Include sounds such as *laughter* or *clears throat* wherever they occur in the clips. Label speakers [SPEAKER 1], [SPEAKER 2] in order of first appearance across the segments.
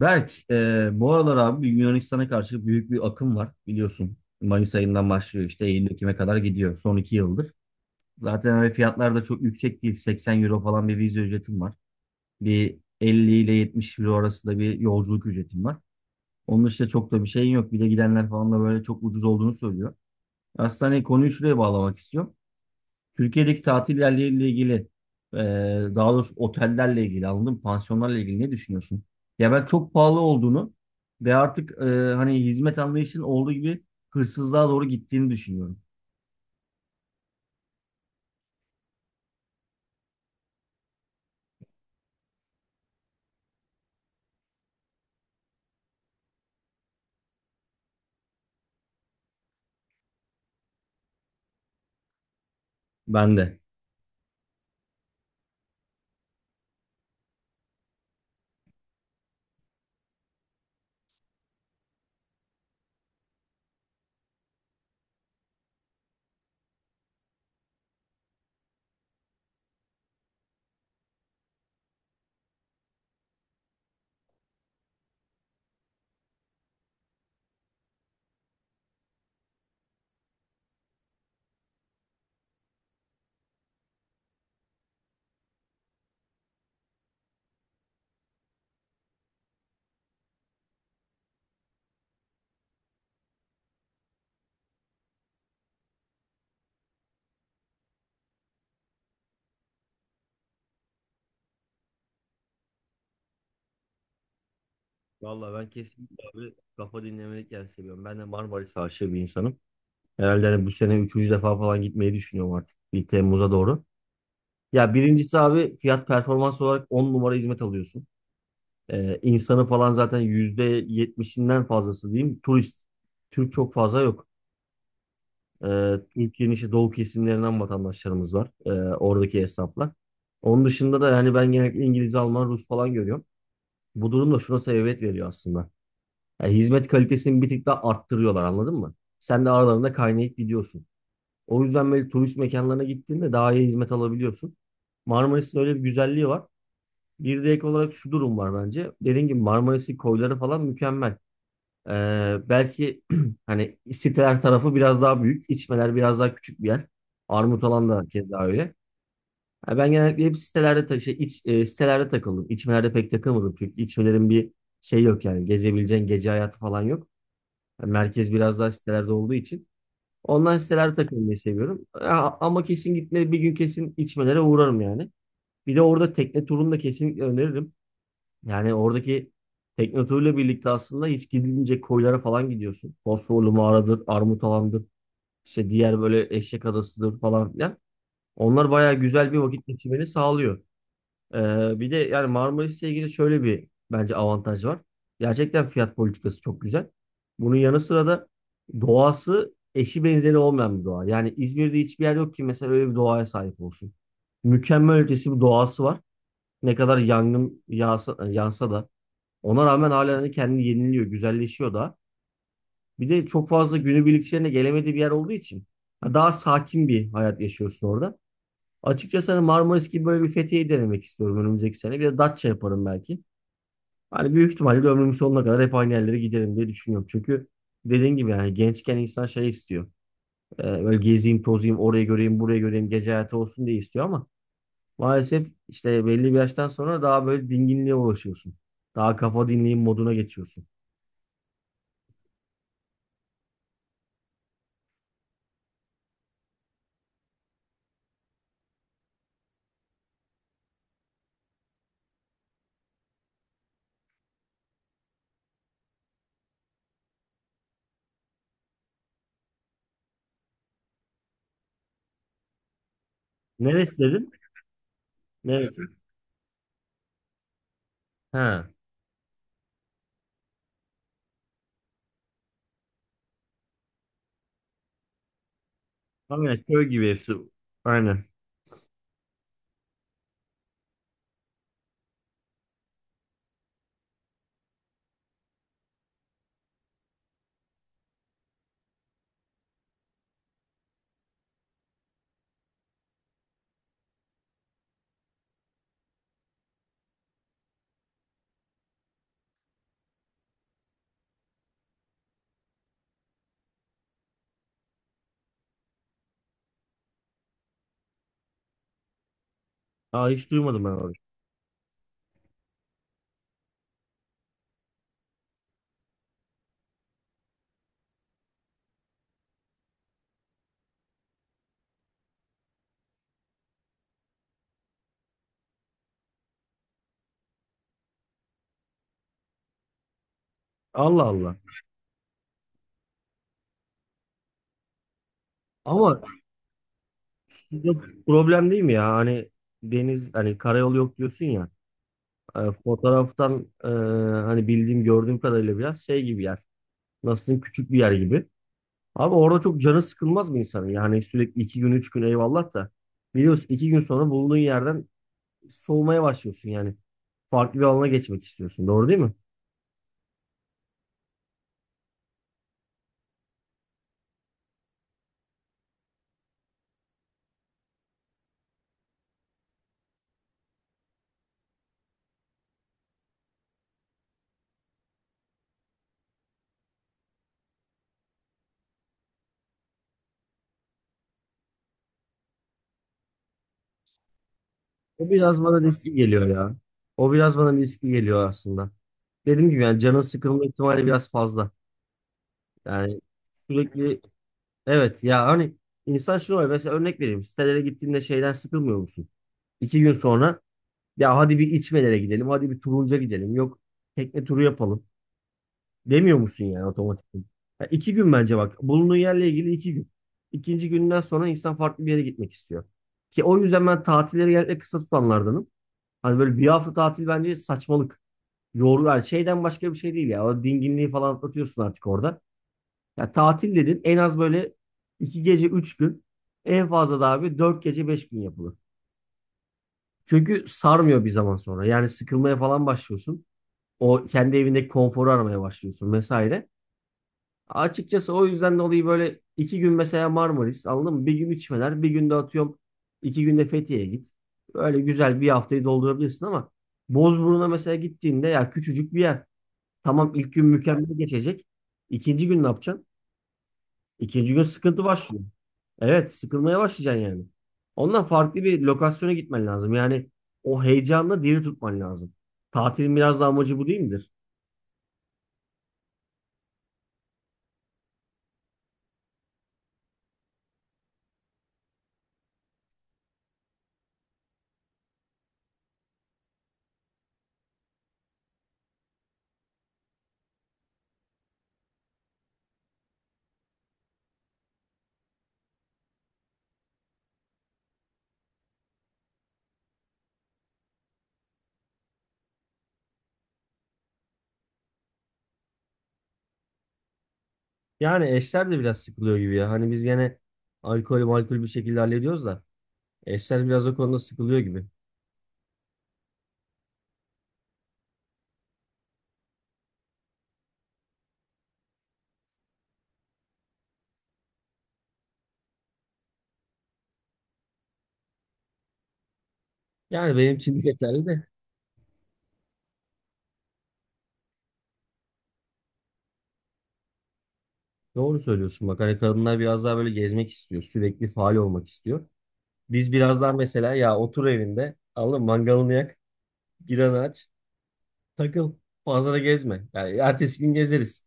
[SPEAKER 1] Berk, bu aralar abi Yunanistan'a karşı büyük bir akım var biliyorsun. Mayıs ayından başlıyor işte Eylül-Ekim'e kadar gidiyor son iki yıldır. Zaten hani fiyatlar da çok yüksek değil. 80 euro falan bir vize ücretim var. Bir 50 ile 70 euro arasında bir yolculuk ücretim var. Onun dışında çok da bir şeyin yok. Bir de gidenler falan da böyle çok ucuz olduğunu söylüyor. Aslında hani konuyu şuraya bağlamak istiyorum. Türkiye'deki tatil yerleriyle ilgili, e, daha doğrusu otellerle ilgili, anladın mı? Pansiyonlarla ilgili ne düşünüyorsun? Ya ben çok pahalı olduğunu ve artık hani hizmet anlayışının olduğu gibi hırsızlığa doğru gittiğini düşünüyorum. Ben de. Vallahi ben kesinlikle abi kafa dinlemelik yer seviyorum. Ben de Marmaris aşığı bir insanım. Herhalde hani bu sene üçüncü defa falan gitmeyi düşünüyorum artık. Bir Temmuz'a doğru. Ya birincisi abi fiyat performans olarak 10 numara hizmet alıyorsun. İnsanı falan zaten yüzde yetmişinden fazlası diyeyim turist. Türk çok fazla yok. Ee, Türkiye'nin işte doğu kesimlerinden vatandaşlarımız var. Oradaki esnaflar. Onun dışında da yani ben genellikle İngiliz, Alman, Rus falan görüyorum. Bu durum da şuna sebebiyet veriyor aslında. Yani hizmet kalitesini bir tık daha arttırıyorlar anladın mı? Sen de aralarında kaynayıp gidiyorsun. O yüzden böyle turist mekanlarına gittiğinde daha iyi hizmet alabiliyorsun. Marmaris'in öyle bir güzelliği var. Bir de ek olarak şu durum var bence. Dediğim gibi Marmaris'in koyları falan mükemmel. Belki *clears throat* hani siteler tarafı biraz daha büyük, içmeler biraz daha küçük bir yer. Armut alan da keza öyle. Ha, ben genellikle hep sitelerde tak şey, iç, e, sitelerde takıldım. İçmelerde pek takılmadım çünkü içmelerin bir şey yok yani gezebileceğin gece hayatı falan yok. Yani merkez biraz daha sitelerde olduğu için. Ondan sitelerde takılmayı seviyorum. Ha, ama kesin gitmeleri bir gün kesin içmelere uğrarım yani. Bir de orada tekne turunu da kesinlikle öneririm. Yani oradaki tekne birlikte aslında hiç gidilmeyecek koylara falan gidiyorsun. Fosforlu mağaradır, Armut Alan'dır, işte diğer böyle Eşek Adası'dır falan filan. Onlar bayağı güzel bir vakit geçirmeni sağlıyor. Bir de yani Marmaris'le ilgili şöyle bir bence avantaj var. Gerçekten fiyat politikası çok güzel. Bunun yanı sıra da doğası eşi benzeri olmayan bir doğa. Yani İzmir'de hiçbir yer yok ki mesela öyle bir doğaya sahip olsun. Mükemmel ötesi bir doğası var. Ne kadar yangın yağsa, yansa da ona rağmen hala hani kendini yeniliyor, güzelleşiyor da. Bir de çok fazla günübirlikçilerine gelemediği bir yer olduğu için ha, daha sakin bir hayat yaşıyorsun orada. Açıkçası hani Marmaris gibi böyle bir Fethiye'yi denemek istiyorum önümüzdeki sene. Bir de Datça yaparım belki. Hani büyük ihtimalle de ömrümün sonuna kadar hep aynı yerlere giderim diye düşünüyorum. Çünkü dediğin gibi yani gençken insan şey istiyor. Böyle gezeyim, tozayım, orayı göreyim, burayı göreyim, gece hayatı olsun diye istiyor ama maalesef işte belli bir yaştan sonra daha böyle dinginliğe ulaşıyorsun. Daha kafa dinleyeyim moduna geçiyorsun. Neresi dedin? Neresi? Ha. Aynen köy gibi hepsi. Aynen. Aa, hiç duymadım ben orayı. Allah Allah. Ama suda problem değil mi ya? Hani deniz hani karayolu yok diyorsun ya. Fotoğraftan hani bildiğim gördüğüm kadarıyla biraz şey gibi yer. Nasıl diyeyim, küçük bir yer gibi. Abi orada çok canı sıkılmaz mı insanın? Yani sürekli iki gün üç gün eyvallah da. Biliyorsun iki gün sonra bulunduğun yerden soğumaya başlıyorsun yani. Farklı bir alana geçmek istiyorsun. Doğru değil mi? O biraz bana riskli geliyor ya. O biraz bana riskli geliyor aslında. Dediğim gibi yani canın sıkılma ihtimali biraz fazla. Yani sürekli evet ya hani insan şunu oluyor. Mesela örnek vereyim. Sitelere gittiğinde şeyden sıkılmıyor musun? İki gün sonra ya hadi bir içmelere gidelim. Hadi bir turunca gidelim. Yok tekne turu yapalım. Demiyor musun yani otomatik? Ya iki gün bence bak. Bulunduğun yerle ilgili iki gün. İkinci günden sonra insan farklı bir yere gitmek istiyor. Ki o yüzden ben tatilleri genellikle kısa tutanlardanım. Hani böyle bir hafta tatil bence saçmalık. Yorgun yani şeyden başka bir şey değil ya. O dinginliği falan atlatıyorsun artık orada. Ya tatil dedin en az böyle iki gece üç gün. En fazla da abi dört gece beş gün yapılır. Çünkü sarmıyor bir zaman sonra. Yani sıkılmaya falan başlıyorsun. O kendi evindeki konforu aramaya başlıyorsun vesaire. Açıkçası o yüzden dolayı böyle iki gün mesela Marmaris anladın mı? Bir gün içmeler, bir günde atıyorum iki günde Fethiye'ye git. Böyle güzel bir haftayı doldurabilirsin ama Bozburun'a mesela gittiğinde ya küçücük bir yer. Tamam ilk gün mükemmel geçecek. İkinci gün ne yapacaksın? İkinci gün sıkıntı başlıyor. Evet, sıkılmaya başlayacaksın yani. Ondan farklı bir lokasyona gitmen lazım. Yani o heyecanla diri tutman lazım. Tatilin biraz da amacı bu değil midir? Yani eşler de biraz sıkılıyor gibi ya. Hani biz gene alkol malkol bir şekilde hallediyoruz da eşler biraz o konuda sıkılıyor gibi. Yani benim için de yeterli de doğru söylüyorsun bak. Hani kadınlar biraz daha böyle gezmek istiyor. Sürekli faal olmak istiyor. Biz biraz daha mesela ya otur evinde alın mangalını yak, biranı aç, takıl. Fazla da gezme. Yani ertesi gün gezeriz.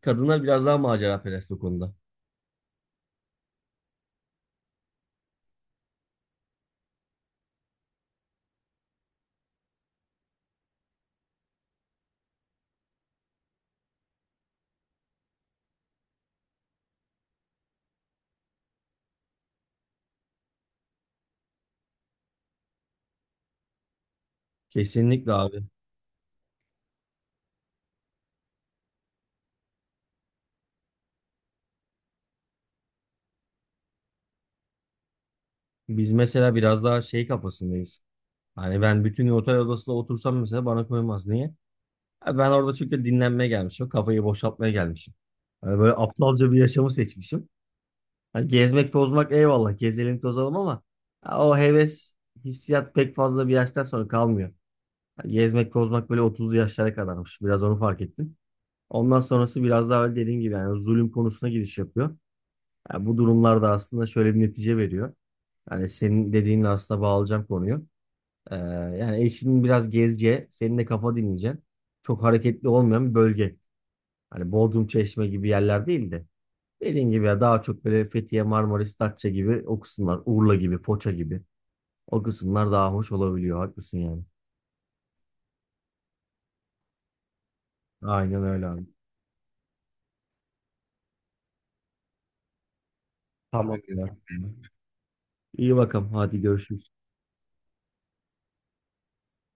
[SPEAKER 1] Kadınlar biraz daha maceraperest o konuda. Kesinlikle abi. Biz mesela biraz daha şey kafasındayız. Hani ben bütün gün otel odasında otursam mesela bana koymaz. Niye? Ben orada çünkü dinlenmeye gelmişim. Kafayı boşaltmaya gelmişim. Hani böyle aptalca bir yaşamı seçmişim. Hani gezmek, tozmak eyvallah. Gezelim, tozalım ama ya o heves, hissiyat pek fazla bir yaştan sonra kalmıyor. Hani gezmek, tozmak böyle 30'lu yaşlara kadarmış. Biraz onu fark ettim. Ondan sonrası biraz daha öyle dediğim gibi yani zulüm konusuna giriş yapıyor. Yani bu durumlar da aslında şöyle bir netice veriyor. Yani senin dediğinle aslında bağlayacağım konuyu. Ee, yani eşinin biraz gezce, senin de kafa dinleyeceksin. Çok hareketli olmayan bir bölge. Hani Bodrum Çeşme gibi yerler değil de dediğin gibi ya daha çok böyle Fethiye, Marmaris, Datça gibi o kısımlar, Urla gibi, Foça gibi o kısımlar daha hoş olabiliyor. Haklısın yani. Aynen öyle abi. Tamam ya. İyi bakalım. Hadi görüşürüz.